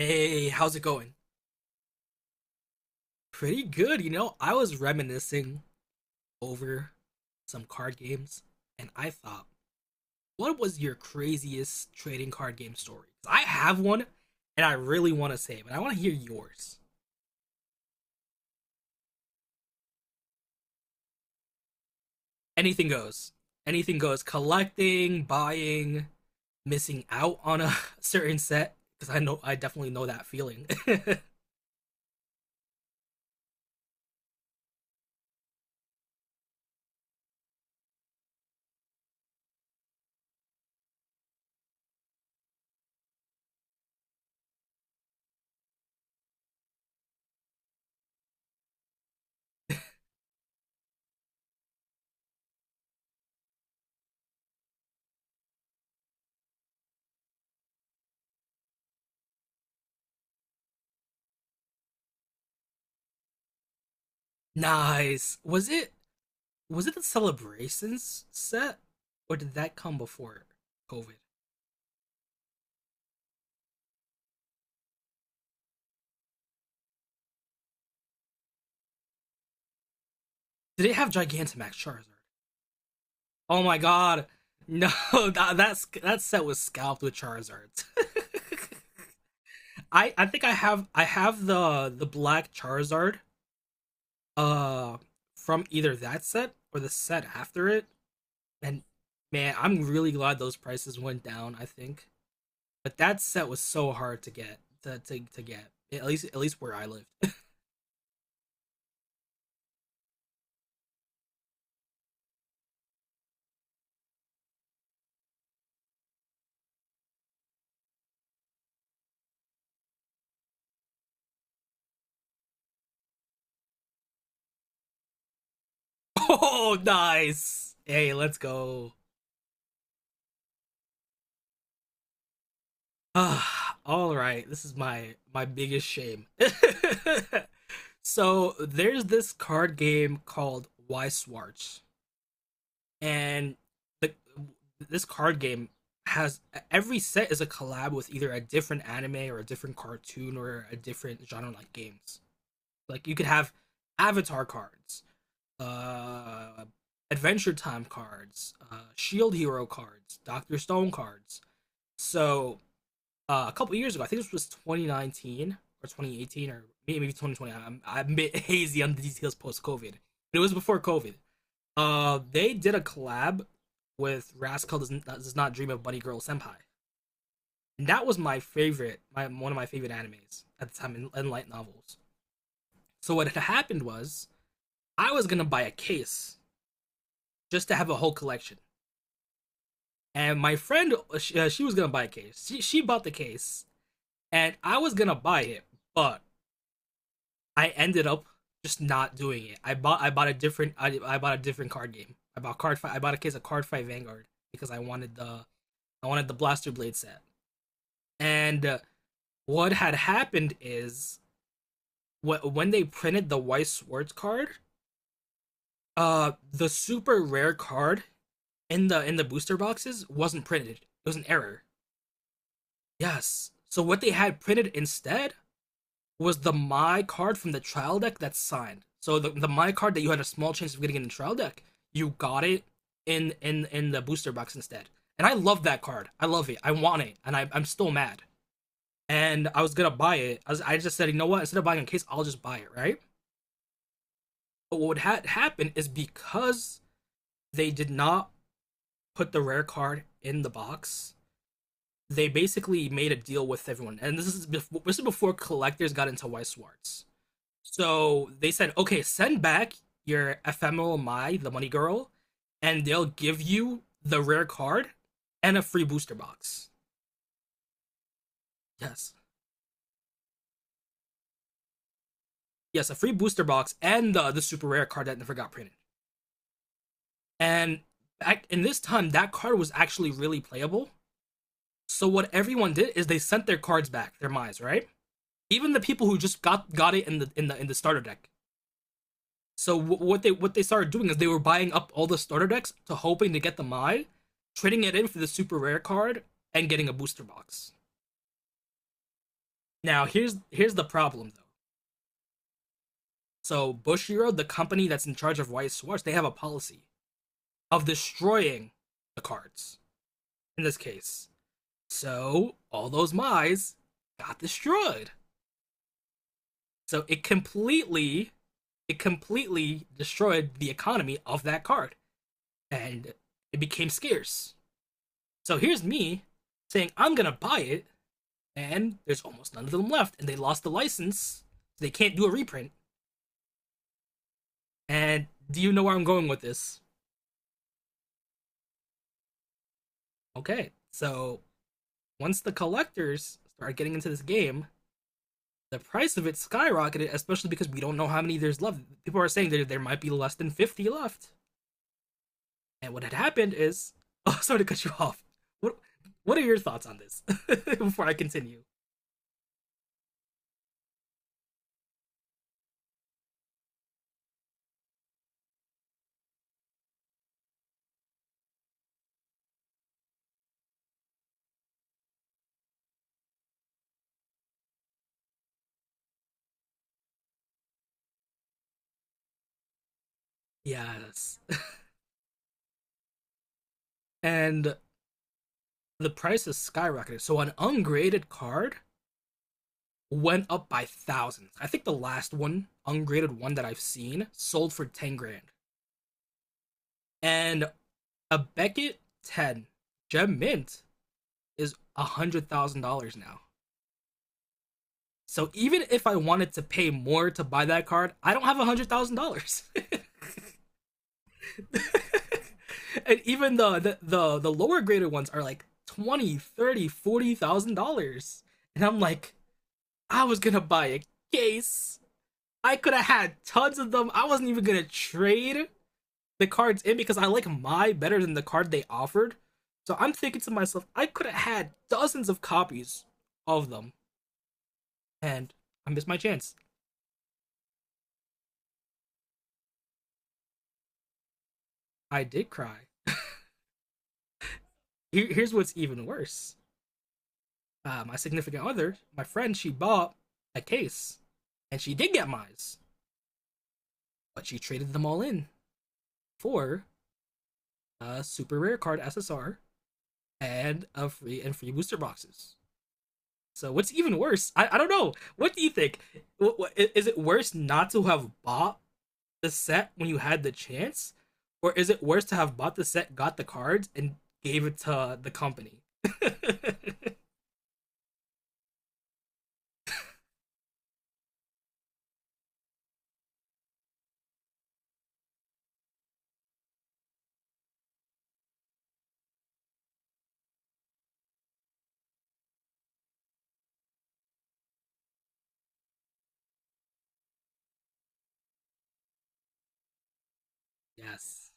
Hey, how's it going? Pretty good. I was reminiscing over some card games, and I thought, what was your craziest trading card game story?" I have one, and I really want to say it, but I want to hear yours. Anything goes. Anything goes. Collecting, buying, missing out on a certain set, because I know I definitely know that feeling. Nice. Was it the celebrations set, or did that come before COVID? Did it have Gigantamax Charizard? Oh my god. No, that's that set was scalped with Charizards. I think I have the black Charizard uh from either that set or the set after it. And man, I'm really glad those prices went down, I think. But that set was so hard to get to get. At least where I lived. Oh, nice. Hey, let's go. Ah, all right. This is my biggest shame. So there's this card game called Why Swartz, and the, this card game has every set is a collab with either a different anime or a different cartoon or a different genre like games. Like you could have Avatar cards, uh, Adventure Time cards, Shield Hero cards, Doctor Stone cards. So a couple years ago. I think this was 2019 or 2018 or maybe 2020. I'm a bit hazy on the details post COVID. But it was before COVID. They did a collab with Rascal does not dream of Bunny Girl Senpai, and that was my favorite, my one of my favorite animes at the time in light novels. So what had happened was I was gonna buy a case just to have a whole collection, and my friend she was gonna buy a case. She bought the case, and I was gonna buy it, but I ended up just not doing it. I bought a different I bought a different card game. I bought card fight. I bought a case of card fight Vanguard because I wanted the Blaster Blade set. And what had happened is when they printed the White Swords card, the super rare card in the booster boxes wasn't printed. It was an error. Yes. So what they had printed instead was the my card from the trial deck that's signed. So the my card that you had a small chance of getting in the trial deck, you got it in the booster box instead. And I love that card. I love it. I want it, and I'm still mad. And I was gonna buy it. I just said, you know what? Instead of buying a case, I'll just buy it, right? But what had happened is because they did not put the rare card in the box, they basically made a deal with everyone. And this is before collectors got into White Swartz. So they said, okay, send back your ephemeral Mai, the money girl, and they'll give you the rare card and a free booster box. Yes. Yes, a free booster box and the super rare card that never got printed. And back, in this time, that card was actually really playable. So what everyone did is they sent their cards back, their Mai's, right? Even the people who just got it in the starter deck. So what they started doing is they were buying up all the starter decks to hoping to get the Mai, trading it in for the super rare card and getting a booster box. Now here's the problem though. So Bushiro, the company that's in charge of White Swartz, they have a policy of destroying the cards in this case. So all those Mai's got destroyed. So it completely destroyed the economy of that card and it became scarce. So here's me saying I'm gonna buy it, and there's almost none of them left, and they lost the license. So they can't do a reprint. And do you know where I'm going with this? Okay, so once the collectors started getting into this game, the price of it skyrocketed, especially because we don't know how many there's left. People are saying there might be less than 50 left. And what had happened is, oh, sorry to cut you off. What what are your thoughts on this? Before I continue. Yes. And the price has skyrocketed. So an ungraded card went up by thousands. I think the last one, ungraded one that I've seen, sold for 10 grand. And a Beckett 10 gem mint is $100,000 now. So even if I wanted to pay more to buy that card, I don't have $100,000. And even the lower graded ones are like 20, thousand dollars, 30, 40,000 dollars. $40,000. And I'm like, I was going to buy a case I could have had tons of them. I wasn't even gonna trade the cards in because I like my better than the card they offered. So I'm thinking to myself, I could have had dozens of copies of them, and I missed my chance. I did cry. Here's what's even worse. My significant other, my friend, she bought a case, and she did get mine, but she traded them all in for a super rare card SSR and a free and free booster boxes. So what's even worse? I don't know. What do you think? Is it worse not to have bought the set when you had the chance, or is it worse to have bought the set, got the cards, and gave it to the company? Yes,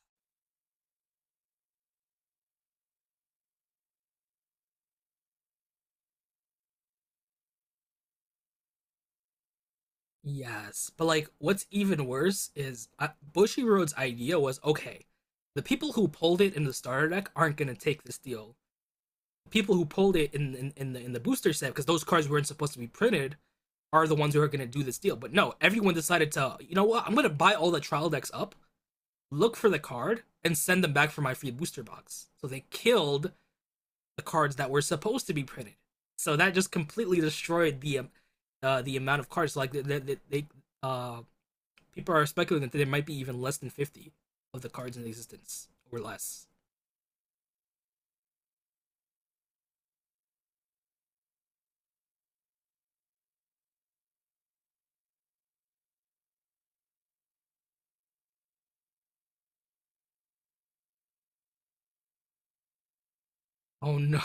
yes. But like, what's even worse is Bushy idea was okay. The people who pulled it in the starter deck aren't gonna take this deal. People who pulled it in the booster set because those cards weren't supposed to be printed are the ones who are going to do this deal. But no, everyone decided to, you know what? I'm going to buy all the trial decks up, look for the card, and send them back for my free booster box. So they killed the cards that were supposed to be printed. So that just completely destroyed the amount of cards. Like they uh, people are speculating that there might be even less than 50 of the cards in existence or less. Oh no,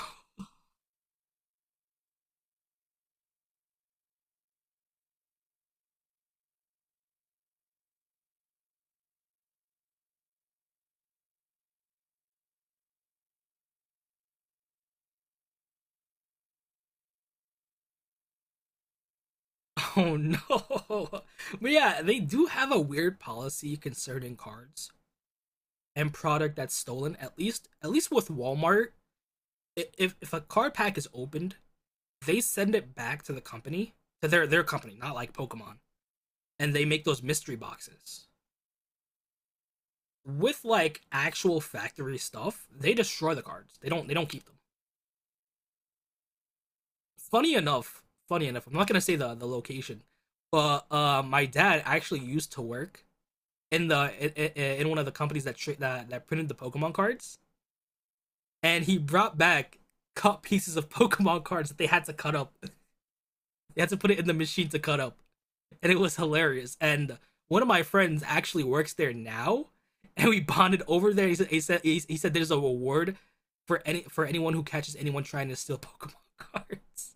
oh no. But yeah, they do have a weird policy concerning cards and product that's stolen at least with Walmart. If a card pack is opened, they send it back to the company, to their company, not like Pokemon, and they make those mystery boxes with like actual factory stuff. They destroy the cards. They don't keep them. Funny enough funny enough I'm not gonna say the location, but my dad actually used to work in one of the companies that that printed the Pokemon cards, and he brought back cut pieces of Pokemon cards that they had to cut up. They had to put it in the machine to cut up, and it was hilarious. And one of my friends actually works there now, and we bonded over there. He said there's a reward for anyone who catches anyone trying to steal Pokemon cards.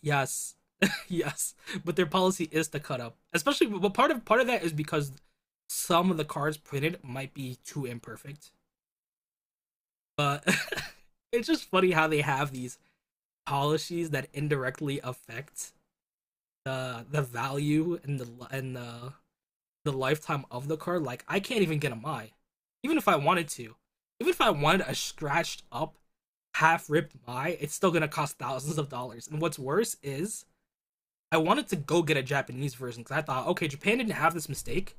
Yes, yes, but their policy is to cut up, especially. But part of that is because some of the cards printed might be too imperfect, but. It's just funny how they have these policies that indirectly affect the value and the lifetime of the card. Like I can't even get a my, even if I wanted to, even if I wanted a scratched up half ripped my, it's still gonna cost thousands of dollars. And what's worse is I wanted to go get a Japanese version because I thought, okay, Japan didn't have this mistake,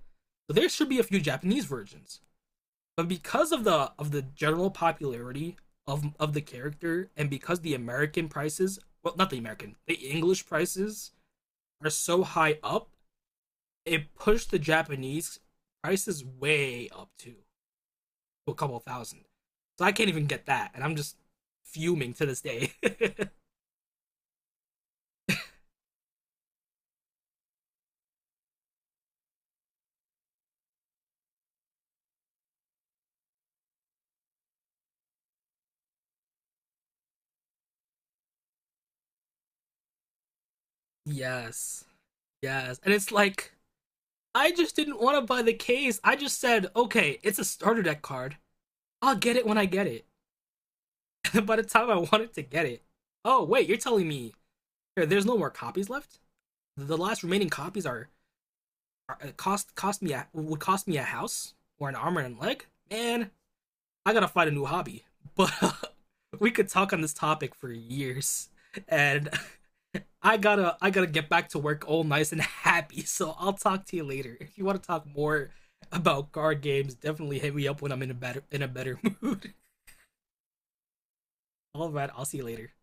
so there should be a few Japanese versions, but because of the general popularity of the character and because the American prices, well, not the American, the English prices are so high up, it pushed the Japanese prices way up too, to a couple thousand. So I can't even get that, and I'm just fuming to this day. Yes, yes, and it's like I just didn't want to buy the case. I just said, okay, it's a starter deck card. I'll get it when I get it. By the time I wanted to get it, oh wait, you're telling me here, there's no more copies left. The last remaining copies are cost cost me a, would cost me a house or an arm and a leg. Man, I gotta find a new hobby. But we could talk on this topic for years, and I gotta get back to work all nice and happy. So I'll talk to you later. If you want to talk more about card games, definitely hit me up when I'm in a better mood. All right, I'll see you later.